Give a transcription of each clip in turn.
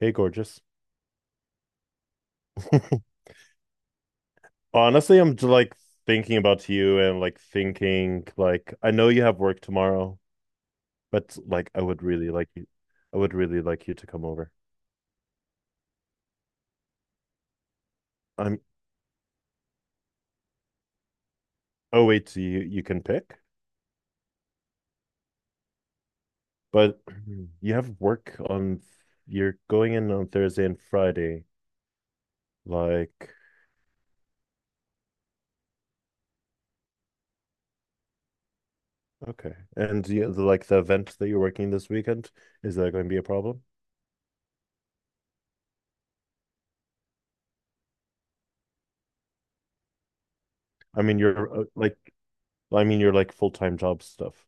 Hey, gorgeous. Honestly, I'm just like thinking about you and like thinking like I know you have work tomorrow, but like I would really like you I would really like you to come over. I'm Oh wait, so you can pick, but you have work on you're going in on Thursday and Friday. Like okay. And you, like the event that you're working this weekend, is that going to be a problem? I mean, you're uh, like I mean, you're like full-time job stuff.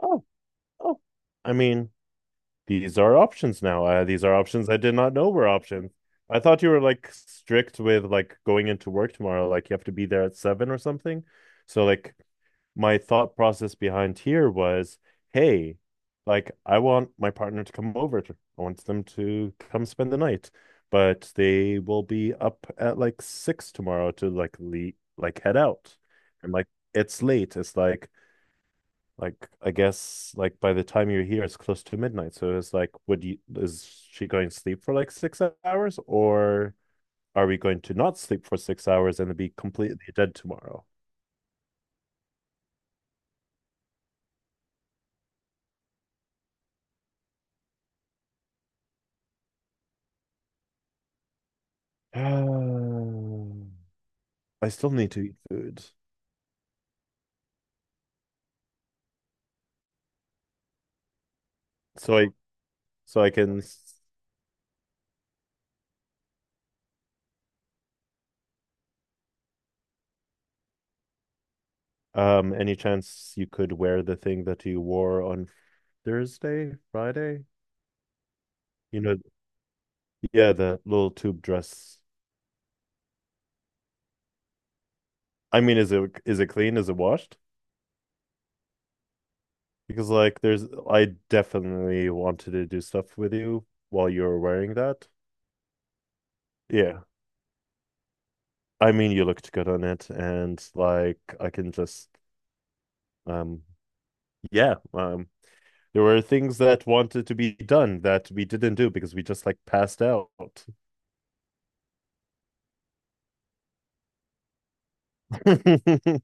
Oh, oh. I mean, these are options now. These are options I did not know were options. I thought you were like strict with like going into work tomorrow, like you have to be there at seven or something. So like my thought process behind here was, hey, like I want my partner to come over. I want them to come spend the night, but they will be up at like six tomorrow to like head out. And like it's late. It's Like I guess like by the time you're here, it's close to midnight. So it's like, would you is she going to sleep for like 6 hours, or are we going to not sleep for 6 hours and be completely dead tomorrow? Um, I still need to eat food. So I so I can Any chance you could wear the thing that you wore on Thursday, Friday? You know, yeah, the little tube dress. I mean, is it clean? Is it washed? Because like there's I definitely wanted to do stuff with you while you were wearing that. Yeah. I mean you looked good on it and like I can just um yeah, there were things that wanted to be done that we didn't do because we just like passed out.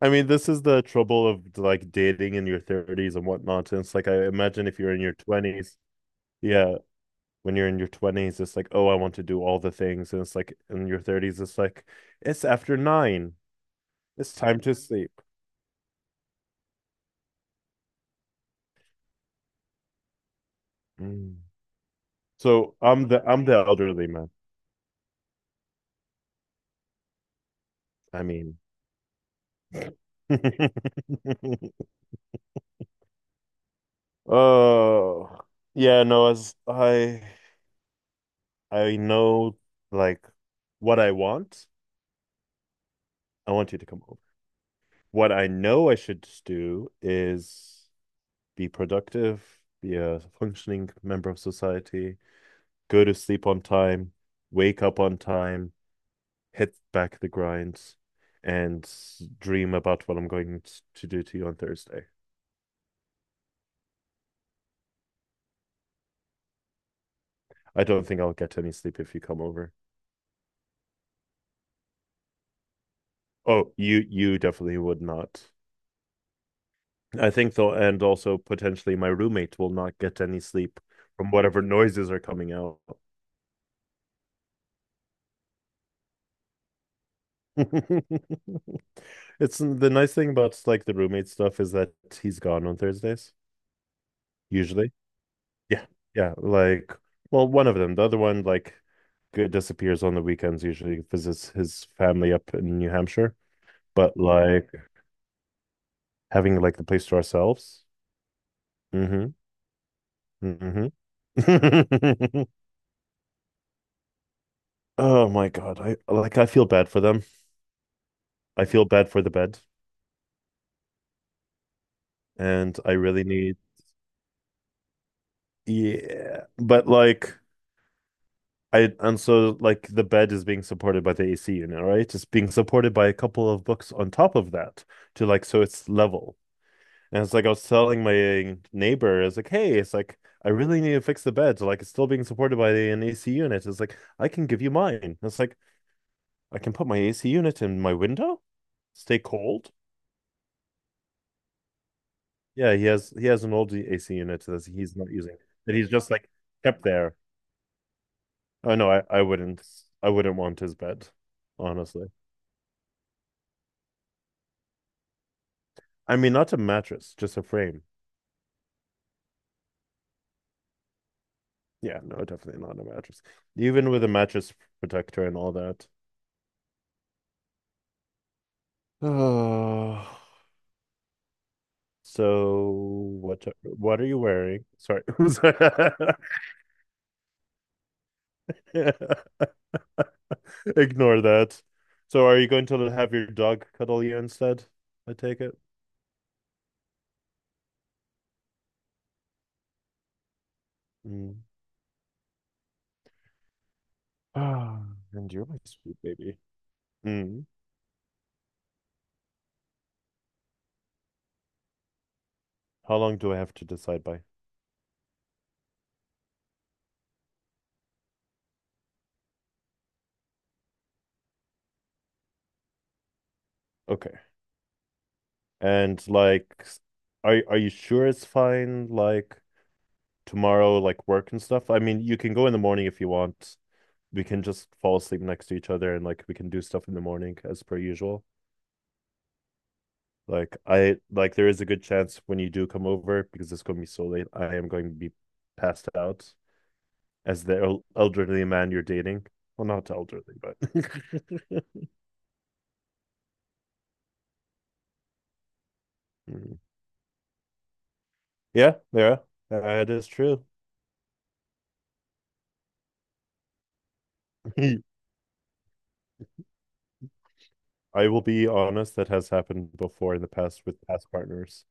I mean this is the trouble of like dating in your 30s and whatnot. And it's like I imagine if you're in your 20s, yeah, when you're in your 20s, it's like, oh, I want to do all the things. And it's like in your 30s, it's like, it's after nine. It's time to sleep. Mm. So I'm the elderly man. I mean, oh yeah, no, as I know like what I want. I want you to come over. What I know I should do is be productive, be a functioning member of society, go to sleep on time, wake up on time, hit back the grinds, and dream about what I'm going to do to you on Thursday. I don't think I'll get any sleep if you come over. Oh, you definitely would not. I think though, and also potentially my roommate will not get any sleep from whatever noises are coming out. It's the nice thing about like the roommate stuff is that he's gone on Thursdays, usually. Yeah, yeah. Like, well, one of them. The other one, like, disappears on the weekends. Usually visits his family up in New Hampshire. But like having like the place to ourselves. Mm-hmm. Mm-hmm. Oh my God. I feel bad for them. I feel bad for the bed. And I really need Yeah. But like I and so like the bed is being supported by the AC unit, right? It's being supported by a couple of books on top of that to so it's level. And it's like I was telling my neighbor, it's like, hey, it's like I really need to fix the bed. So like it's still being supported by an AC unit. It's like I can give you mine. And it's like I can put my AC unit in my window, stay cold. Yeah, he has an old AC unit that he's not using that he's just like kept there. Oh no, I wouldn't want his bed, honestly. I mean, not a mattress, just a frame. Yeah, no, definitely not a mattress. Even with a mattress protector and all that. Oh. So what are you wearing? Sorry. Ignore that. So are you going to have your dog cuddle you instead? I take it. Mm. Ah, and you're my sweet baby. Mm. How long do I have to decide by? Okay. And like, are you sure it's fine? Like tomorrow, like work and stuff? I mean, you can go in the morning if you want. We can just fall asleep next to each other and like we can do stuff in the morning as per usual. Like there is a good chance when you do come over because it's going to be so late. I am going to be passed out as the elderly man you're dating. Well, not elderly, but yeah, that is true. I will be honest, that has happened before in the past with past partners.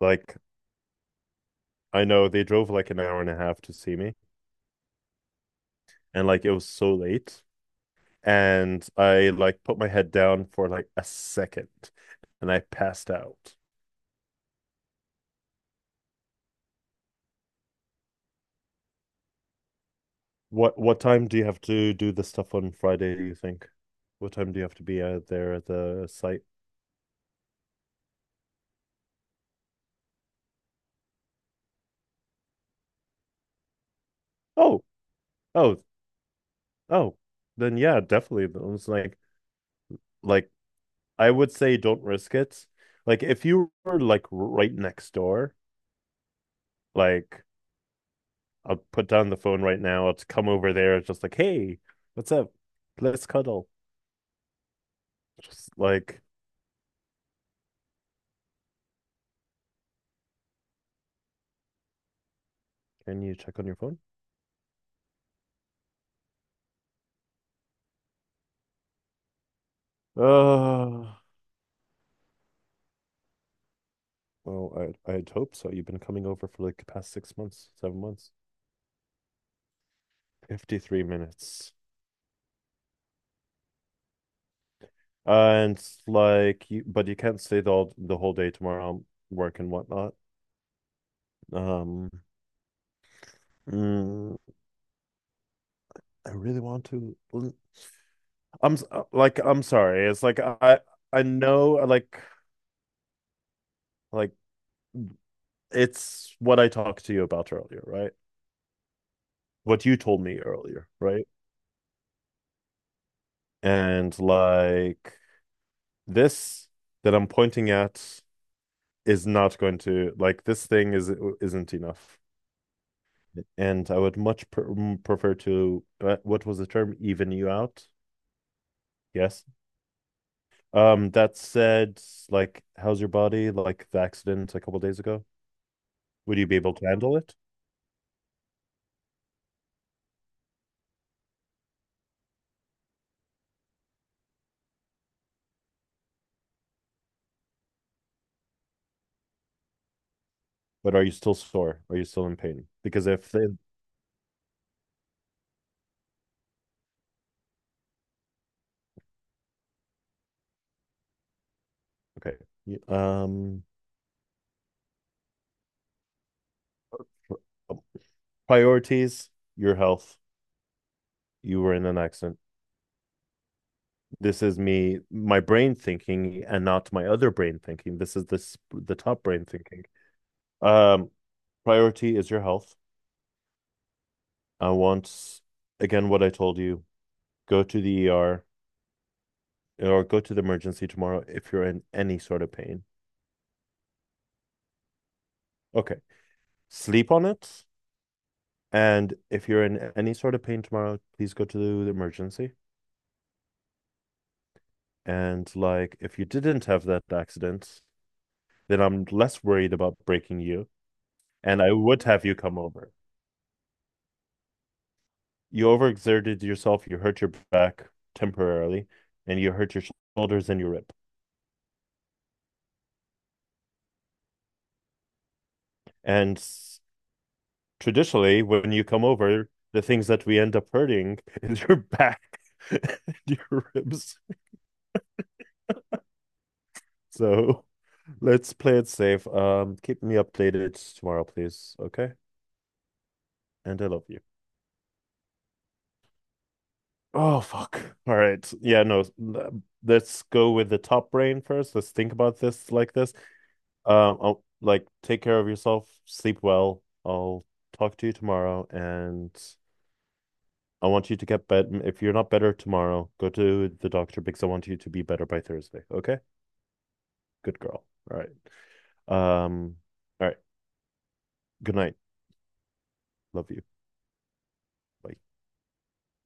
Like I know they drove like an hour and a half to see me, and like it was so late, and I like put my head down for like a second, and I passed out. What time do you have to do this stuff on Friday, do you think? What time do you have to be out there at the site? Oh, oh, oh. Then yeah, definitely. It was like I would say don't risk it. Like if you were like right next door, like I'll put down the phone right now. I'll come over there. It's just like, hey, what's up? Let's cuddle. Just like, can you check on your phone? Uh, well, I I'd hope so. You've been coming over for like the past 6 months, 7 months. 53 minutes. And like you can't stay the whole day tomorrow I'm working whatnot. Um mm, I really want to I'm sorry. It's like I know like like it's what I talked to you about earlier, right? What you told me earlier, right? And like this that I'm pointing at is not going to like this thing is isn't enough. And I would prefer to what was the term? Even you out. Yes. That said, like, how's your body? Like the accident a couple days ago. Would you be able to handle it? But are you still sore? Are you still in pain? Because if they, okay, um, priorities, your health. You were in an accident. This is me, my brain thinking, and not my other brain thinking. This is this the top brain thinking. Um, Priority is your health. I want, Again, what I told you, go to the ER or go to the emergency tomorrow if you're in any sort of pain. Okay. Sleep on it. And if you're in any sort of pain tomorrow, please go to the emergency. And like, if you didn't have that accident, then I'm less worried about breaking you. And I would have you come over. You overexerted yourself, you hurt your back temporarily, and you hurt your shoulders and your rib. And traditionally when you come over, the things that we end up hurting is your back and your ribs. So let's play it safe. Keep me updated tomorrow, please. Okay? And I love you. Oh fuck. All right. Yeah, no. Let's go with the top brain first. Let's think about this like this. I'll, like take care of yourself, sleep well. I'll talk to you tomorrow and I want you to get better. If you're not better tomorrow, go to the doctor because I want you to be better by Thursday. Okay? Good girl. All right. Um, all right. Good night. Love you. Bye.